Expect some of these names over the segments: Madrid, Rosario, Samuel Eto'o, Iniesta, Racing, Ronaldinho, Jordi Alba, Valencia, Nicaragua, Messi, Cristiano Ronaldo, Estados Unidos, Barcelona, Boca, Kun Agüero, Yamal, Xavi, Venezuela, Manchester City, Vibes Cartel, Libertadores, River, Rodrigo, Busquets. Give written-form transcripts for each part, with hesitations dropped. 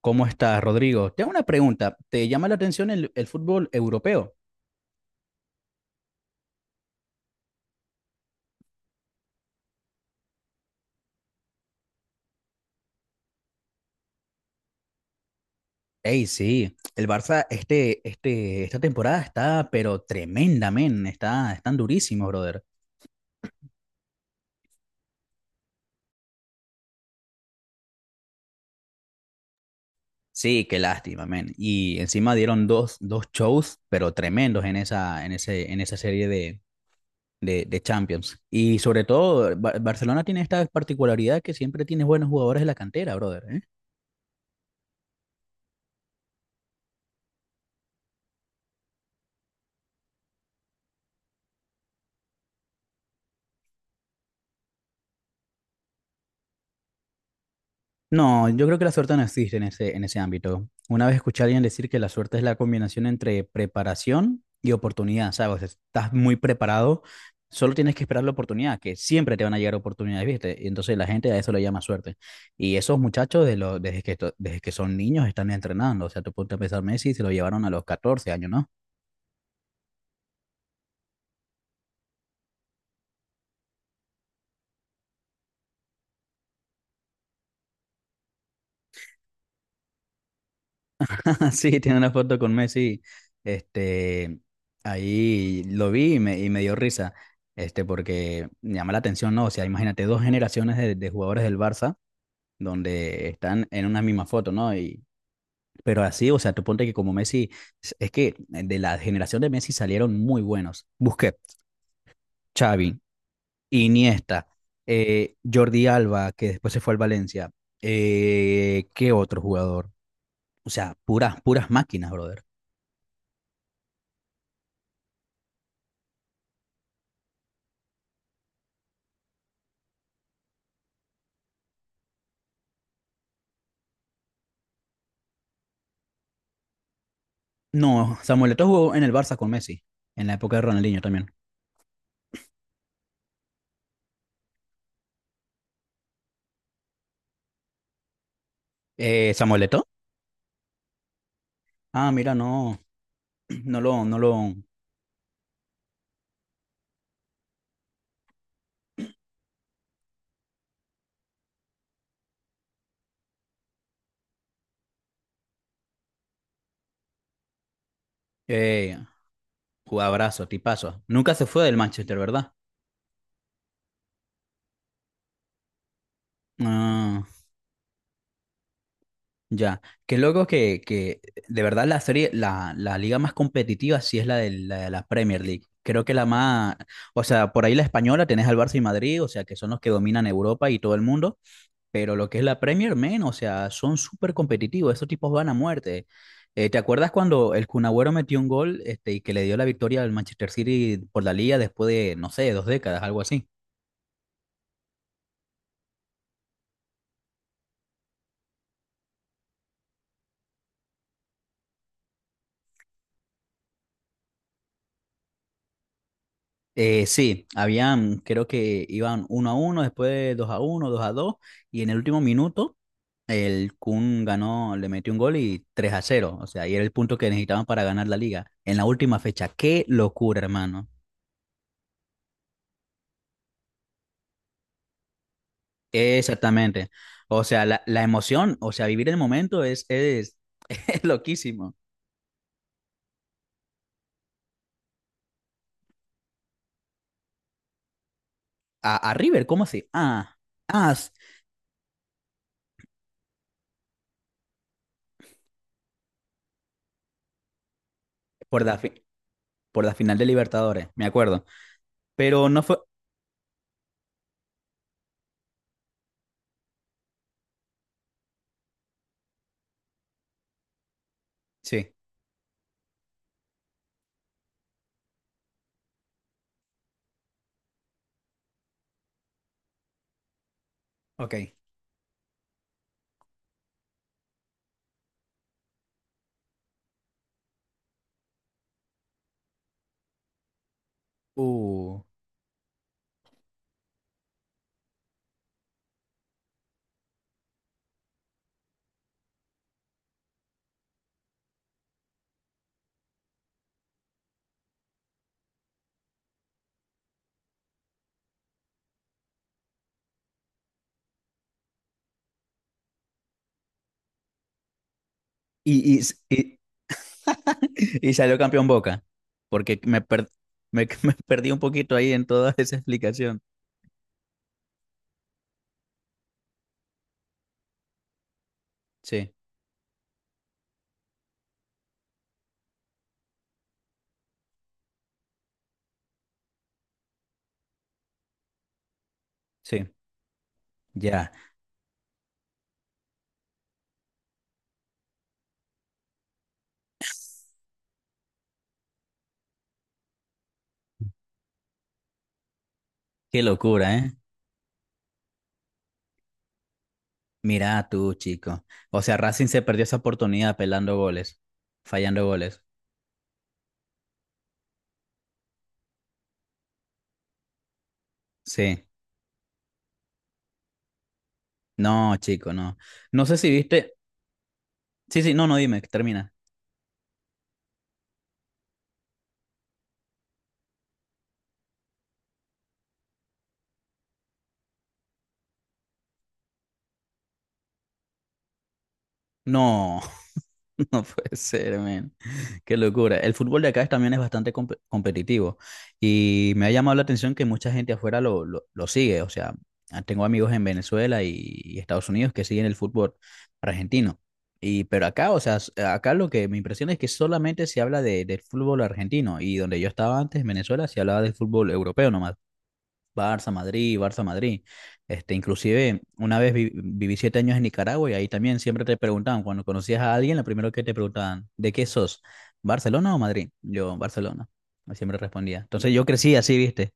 ¿Cómo estás, Rodrigo? Te hago una pregunta. ¿Te llama la atención el fútbol europeo? Ey, sí, el Barça esta temporada está, pero tremenda, men. Están durísimos, brother. Sí, qué lástima, men. Y encima dieron dos shows, pero tremendos en esa serie de Champions. Y sobre todo, Barcelona tiene esta particularidad que siempre tiene buenos jugadores de la cantera, brother, ¿eh? No, yo creo que la suerte no existe en ese ámbito. Una vez escuché a alguien decir que la suerte es la combinación entre preparación y oportunidad, ¿sabes? Estás muy preparado, solo tienes que esperar la oportunidad, que siempre te van a llegar oportunidades, ¿viste? Y entonces la gente a eso le llama suerte. Y esos muchachos, de lo- desde que, to- desde que son niños, están entrenando. O sea, tú ponte a pensar, Messi se lo llevaron a los 14 años, ¿no? Sí, tiene una foto con Messi. Este, ahí lo vi y me dio risa. Este, porque me llama la atención, ¿no? O sea, imagínate dos generaciones de jugadores del Barça donde están en una misma foto, ¿no? Y, pero así, o sea, tú ponte que como Messi, es que de la generación de Messi salieron muy buenos. Busquets, Xavi, Iniesta, Jordi Alba, que después se fue al Valencia. ¿Qué otro jugador? O sea, puras máquinas, brother. No, Samuel Eto'o jugó en el Barça con Messi, en la época de Ronaldinho también. ¿Eh, Samuel Eto'o? Ah, mira, no, no lo, no lo, eh, jugabrazo, tipazo. Nunca se fue del Manchester, ¿verdad? Ah, ya. Qué loco que de verdad la liga más competitiva sí es la de la Premier League. Creo que la más, o sea, por ahí la española tenés al Barça y Madrid, o sea, que son los que dominan Europa y todo el mundo. Pero lo que es la Premier, men, o sea, son súper competitivos. Esos tipos van a muerte. ¿Te acuerdas cuando el Kun Agüero metió un gol este, y que le dio la victoria al Manchester City por la liga después de, no sé, dos décadas, algo así? Sí, habían, creo que iban uno a uno, después de dos a uno, dos a dos, y en el último minuto el Kun ganó, le metió un gol y 3 a cero. O sea, y era el punto que necesitaban para ganar la liga en la última fecha. ¡Qué locura, hermano! Exactamente. O sea, la emoción, o sea, vivir el momento es loquísimo. A River, ¿cómo así? Ah, s- por por la final de Libertadores, me acuerdo. Pero no fue. Sí, ok. Uh. Y, y, s- y, y salió campeón Boca, porque me, per- me, me perdí un poquito ahí en toda esa explicación. Sí, sí, ya. Qué locura, ¿eh? Mira tú, chico. O sea, Racing se perdió esa oportunidad pelando goles, fallando goles. Sí. No, chico, no. No sé si viste. Sí, sí, no, no, dime, termina. No, no puede ser, man. Qué locura. El fútbol de acá también es bastante competitivo y me ha llamado la atención que mucha gente afuera lo sigue. O sea, ah, tengo amigos en Venezuela y Estados Unidos que siguen el fútbol argentino. Y, pero acá, o sea, acá lo que me impresiona es que solamente se habla del fútbol argentino y donde yo estaba antes, en Venezuela, se hablaba del fútbol europeo nomás. Barça, Madrid, Barça, Madrid. Este, inclusive, una vez viví 7 años en Nicaragua y ahí también siempre te preguntaban, cuando conocías a alguien, lo primero que te preguntaban, ¿de qué sos? ¿Barcelona o Madrid? Yo, Barcelona. Y siempre respondía. Entonces yo crecí así, ¿viste?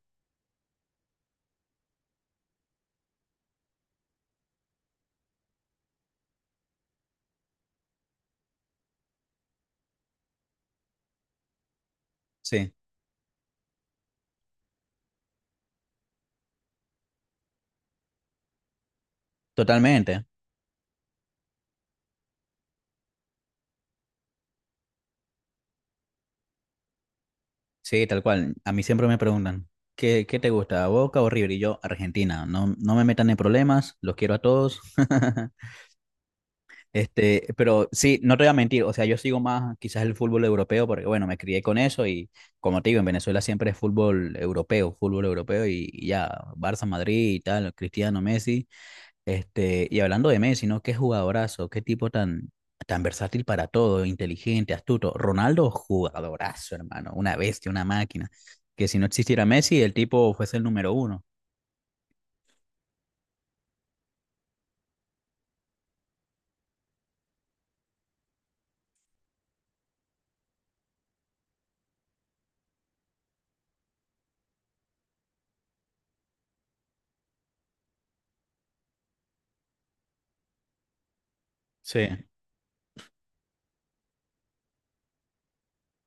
Sí, totalmente. Sí, tal cual. A mí siempre me preguntan, ¿qué te gusta, Boca o River? Y yo, Argentina. No, no me metan en problemas, los quiero a todos. Este, pero sí, no te voy a mentir, o sea, yo sigo más quizás el fútbol europeo porque, bueno, me crié con eso y, como te digo, en Venezuela siempre es fútbol europeo y ya, Barça, Madrid y tal, Cristiano, Messi, este, y hablando de Messi, ¿no? Qué jugadorazo, qué tipo tan, tan versátil para todo, inteligente, astuto. Ronaldo, jugadorazo, hermano, una bestia, una máquina, que si no existiera Messi, el tipo fuese el número uno. Sí.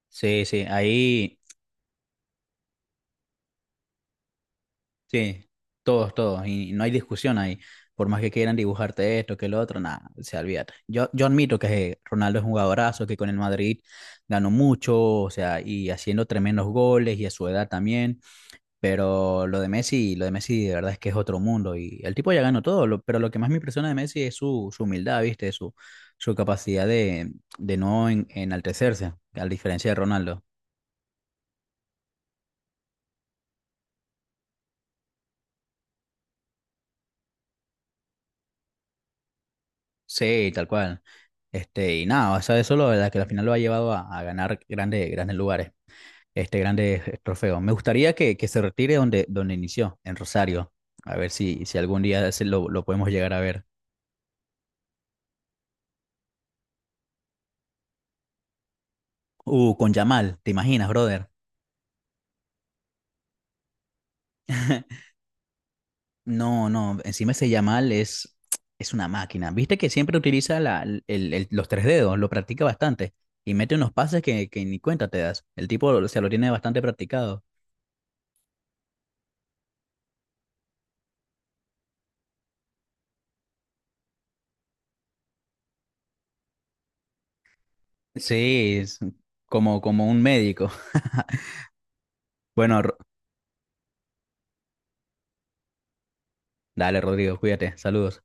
Sí, sí, ahí. Sí, todos, todos, y no hay discusión ahí. Por más que quieran dibujarte esto, que lo otro, nada, se olvídate. Yo admito que Ronaldo es un jugadorazo, que con el Madrid ganó mucho, o sea, y haciendo tremendos goles y a su edad también, pero lo de Messi de verdad es que es otro mundo y el tipo ya ganó todo, pero lo que más me impresiona de Messi es su humildad, ¿viste? Su capacidad de no enaltecerse, a diferencia de Ronaldo. Sí, tal cual. Este, y nada, o sea, eso lo verdad que al final lo ha llevado a ganar grandes, grandes lugares, este, grandes trofeos. Me gustaría que se retire donde, donde inició, en Rosario. A ver si, si algún día se lo podemos llegar a ver. Con Yamal, ¿te imaginas, brother? No, no, encima ese Yamal es una máquina. Viste que siempre utiliza los tres dedos, lo practica bastante y mete unos pases que ni cuenta te das. El tipo, o sea, lo tiene bastante practicado. Sí, es como, como un médico. Bueno, dale, Rodrigo, cuídate. Saludos.